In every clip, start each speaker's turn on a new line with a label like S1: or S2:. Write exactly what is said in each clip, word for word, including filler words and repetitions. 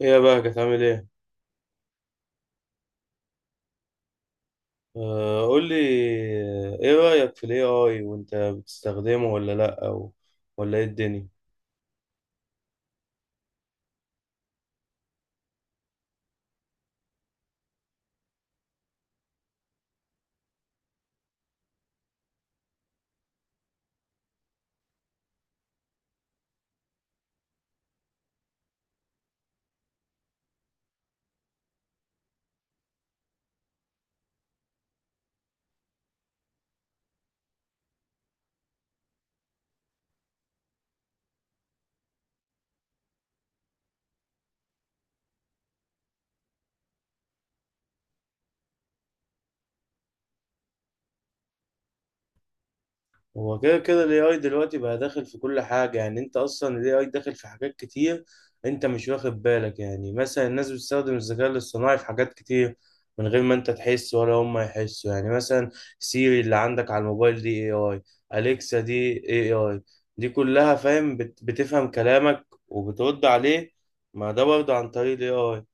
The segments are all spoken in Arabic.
S1: ايه يا بقى كانت عامل ايه؟ آه، قول لي. ايه رأيك في الاي اي وانت بتستخدمه ولا لا، او ولا ايه الدنيا؟ هو كده كده ال اي اي دلوقتي بقى داخل في كل حاجة، يعني انت اصلا ال اي اي داخل في حاجات كتير. انت مش واخد بالك، يعني مثلا الناس بتستخدم الذكاء الاصطناعي في حاجات كتير من غير ما انت تحس ولا هم يحسوا، يعني مثلا سيري اللي عندك على الموبايل دي اي اي، أليكسا دي اي اي، دي كلها فاهم بت- بتفهم كلامك وبترد عليه. ما ده برضه عن طريق ال اي اي،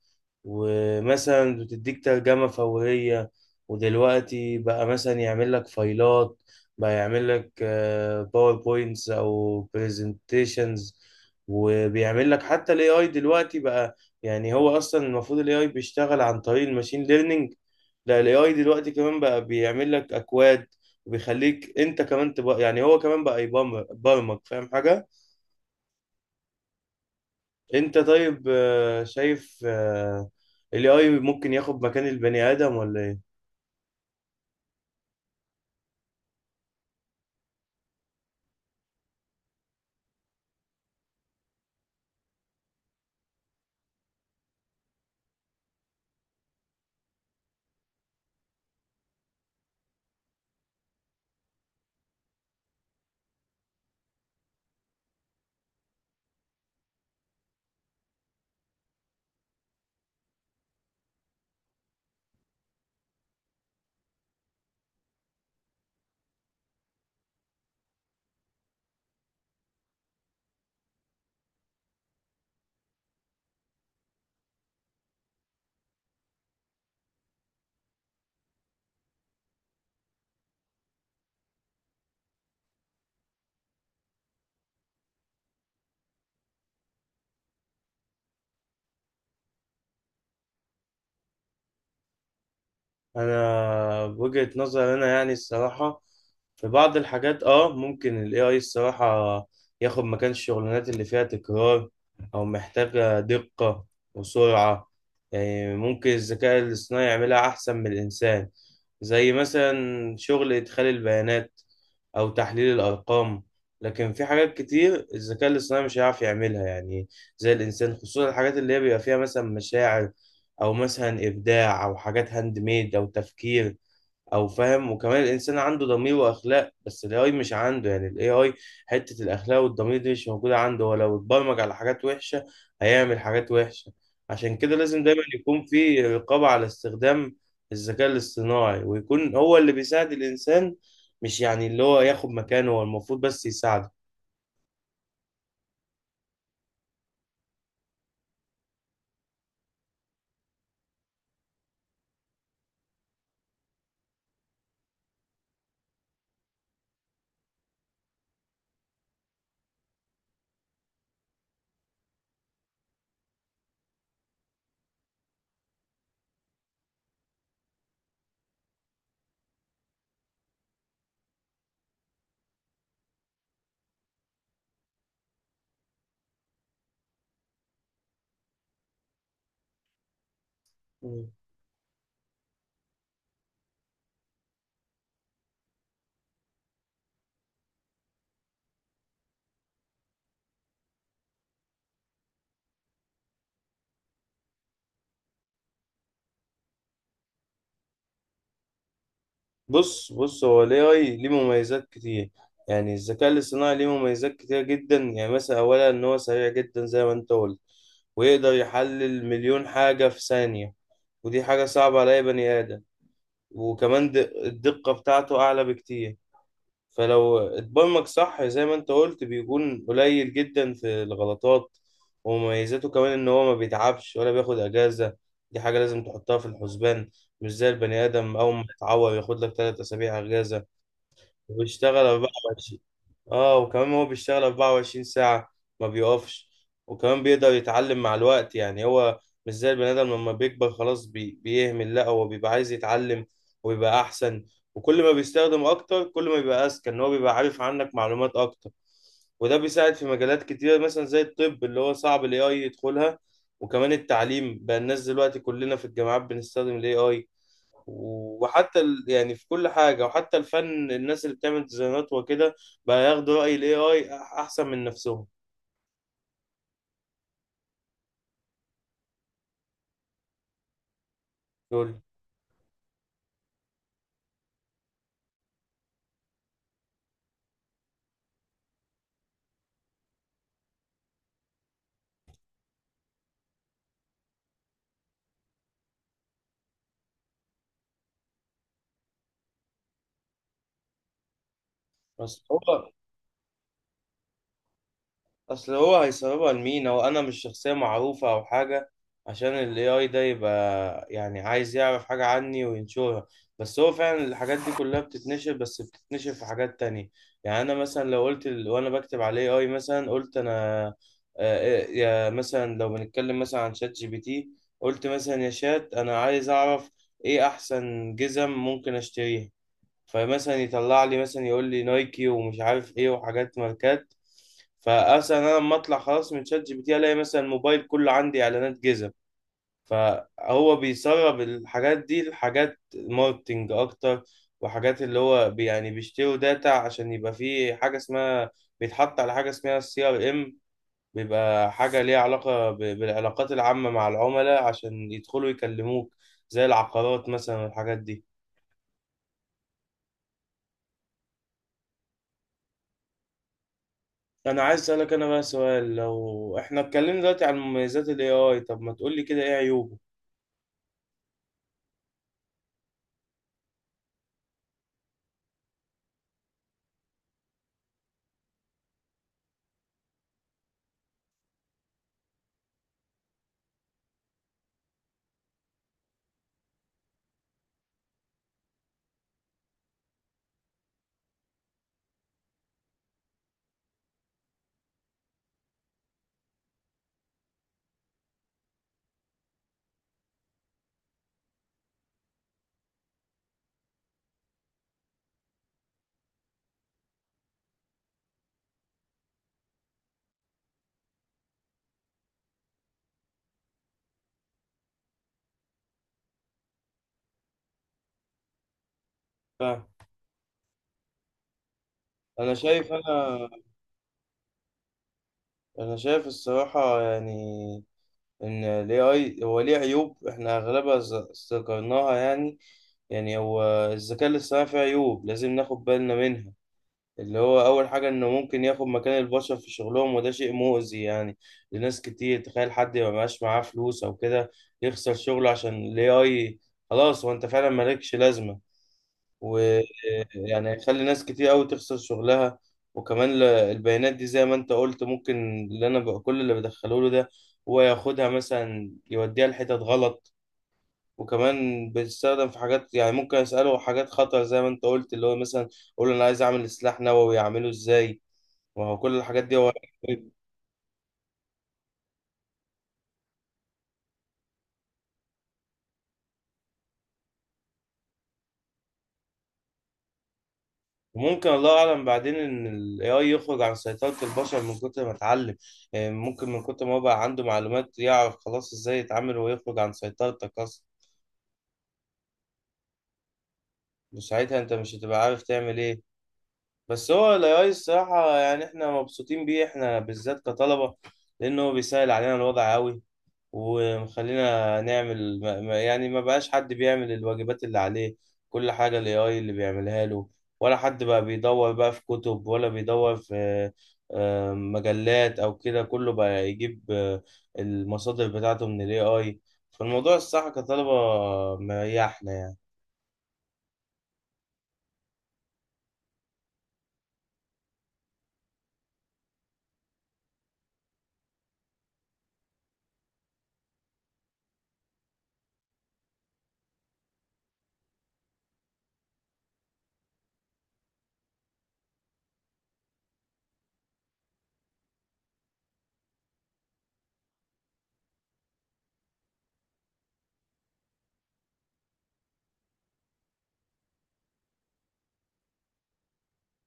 S1: ومثلا بتديك ترجمة فورية، ودلوقتي بقى مثلا يعمل لك فايلات، بقى يعمل لك باوربوينتس او برزنتيشنز، وبيعمل لك حتى الاي اي دلوقتي بقى. يعني هو اصلا المفروض الاي اي بيشتغل عن طريق الماشين ليرنينج، لا الاي اي دلوقتي كمان بقى بيعمل لك اكواد، وبيخليك انت كمان تبقى، يعني هو كمان بقى يبرمج، فاهم حاجة؟ انت طيب، آه، شايف الاي اي ممكن ياخد مكان البني ادم ولا ايه؟ انا بوجهة نظر انا، يعني الصراحة في بعض الحاجات اه ممكن ال اي اي الصراحة ياخد مكان الشغلانات اللي فيها تكرار او محتاجة دقة وسرعة، يعني ممكن الذكاء الاصطناعي يعملها احسن من الانسان، زي مثلا شغل ادخال البيانات او تحليل الارقام. لكن في حاجات كتير الذكاء الاصطناعي مش هيعرف يعملها، يعني زي الانسان، خصوصا الحاجات اللي هي بيبقى فيها مثلا مشاعر، او مثلا ابداع، او حاجات هاند ميد، او تفكير، او فاهم. وكمان الانسان عنده ضمير واخلاق، بس الاي اي مش عنده، يعني الاي اي حته الاخلاق والضمير دي مش موجوده عنده، هو لو اتبرمج على حاجات وحشه هيعمل حاجات وحشه. عشان كده لازم دايما يكون في رقابه على استخدام الذكاء الاصطناعي، ويكون هو اللي بيساعد الانسان، مش يعني اللي هو ياخد مكانه، هو المفروض بس يساعده. بص بص، هو ال اي اي ليه مميزات كتير، يعني الذكاء الاصطناعي ليه مميزات كتير جدا، يعني مثلا أولا إن هو سريع جدا زي ما أنت قلت، ويقدر يحلل مليون حاجة في ثانية، ودي حاجة صعبة على أي بني آدم. وكمان د- الدقة بتاعته أعلى بكتير، فلو اتبرمج صح زي ما انت قلت بيكون قليل جدا في الغلطات. ومميزاته كمان ان هو ما بيتعبش ولا بياخد اجازة، دي حاجة لازم تحطها في الحسبان، مش زي البني ادم اول ما يتعور ياخد لك ثلاث اسابيع اجازة. وبيشتغل اربعة وعشرين، اه وكمان هو بيشتغل اربعة وعشرين ساعة، ما بيقفش. وكمان بيقدر يتعلم مع الوقت، يعني هو مش زي البني آدم لما بيكبر خلاص بي... بيهمل، لا هو بيبقى عايز يتعلم ويبقى أحسن، وكل ما بيستخدم أكتر كل ما بيبقى أذكى، إن هو بيبقى عارف عنك معلومات أكتر. وده بيساعد في مجالات كتيرة، مثلا زي الطب اللي هو صعب ال اي اي يدخلها، وكمان التعليم بقى، الناس دلوقتي كلنا في الجامعات بنستخدم ال اي اي، وحتى ال... يعني في كل حاجة، وحتى الفن الناس اللي بتعمل ديزاينات وكده بقى ياخدوا رأي ال اي اي أح- أحسن من نفسهم. دول بس هو، اصل هو هيسببها لمين؟ هو انا مش شخصيه معروفه او حاجه عشان الاي اي ده يبقى يعني عايز يعرف حاجه عني وينشرها، بس هو فعلا الحاجات دي كلها بتتنشر، بس بتتنشر في حاجات تانية. يعني انا مثلا لو قلت ال... وانا بكتب على الاي اي مثلا قلت انا، آه، آه، يا مثلا لو بنتكلم مثلا عن شات جي بي تي، قلت مثلا يا شات انا عايز اعرف ايه احسن جزم ممكن اشتريها، فمثلا يطلع لي مثلا يقول لي نايكي ومش عارف ايه وحاجات ماركات. فاصلا انا لما اطلع خلاص من شات جي بي تي الاقي مثلا الموبايل كله عندي اعلانات جزم، فهو بيسرب الحاجات دي لحاجات ماركتنج اكتر، وحاجات اللي هو بي- يعني بيشتروا داتا عشان يبقى فيه حاجه اسمها، بيتحط على حاجه اسمها السي ار ام، بيبقى حاجه ليها علاقه ب- بالعلاقات العامه مع العملاء عشان يدخلوا يكلموك، زي العقارات مثلا والحاجات دي. انا عايز اسالك انا بقى سؤال، لو احنا اتكلمنا دلوقتي عن مميزات الاي اي، طب ما تقول لي كده ايه عيوبه؟ فاهم؟ انا شايف انا انا شايف الصراحه، يعني ان الاي اي هو ليه عيوب احنا اغلبها ز- ذكرناها، يعني يعني هو الذكاء الاصطناعي فيه عيوب لازم ناخد بالنا منها. اللي هو اول حاجه انه ممكن ياخد مكان البشر في شغلهم، وده شيء مؤذي يعني لناس كتير، تخيل حد ما بقاش معاه فلوس او كده يخسر شغله عشان الاي اي، خلاص هو انت فعلا مالكش لازمه، ويعني هيخلي ناس كتير قوي تخسر شغلها. وكمان ل- البيانات دي زي ما انت قلت ممكن اللي انا بقى كل اللي بدخله له ده، هو ياخدها مثلا يوديها لحتت غلط. وكمان بيستخدم في حاجات، يعني ممكن اساله حاجات خطر زي ما انت قلت، اللي هو مثلا اقول له انا عايز اعمل سلاح نووي اعمله ازاي، وهو كل الحاجات دي هو وممكن الله اعلم بعدين ان الاي اي يخرج عن سيطرة البشر من كتر ما اتعلم، يعني ممكن من كتر ما هو بقى عنده معلومات يعرف خلاص ازاي يتعامل ويخرج عن سيطرتك اصلا، وساعتها انت مش هتبقى عارف تعمل ايه. بس هو الاي الصراحة يعني احنا مبسوطين بيه، احنا بالذات كطلبة، لانه هو بيسهل علينا الوضع قوي، ومخلينا نعمل ما- ما- يعني ما بقاش حد بيعمل الواجبات اللي عليه، كل حاجة الاي اي اللي بيعملها له، ولا حد بقى بيدور بقى في كتب ولا بيدور في آه، مجلات او كده، كله بقى يجيب آه، المصادر بتاعته من الاي اي، فالموضوع الصح كطلبة مريحنا يعني.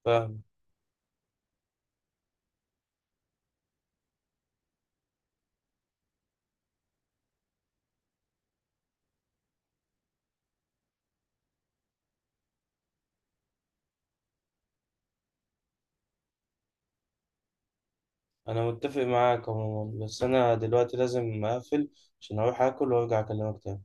S1: فاهم، انا متفق معاك عموما، بس انا دلوقتي لازم اقفل عشان اروح اكل وارجع اكلمك تاني.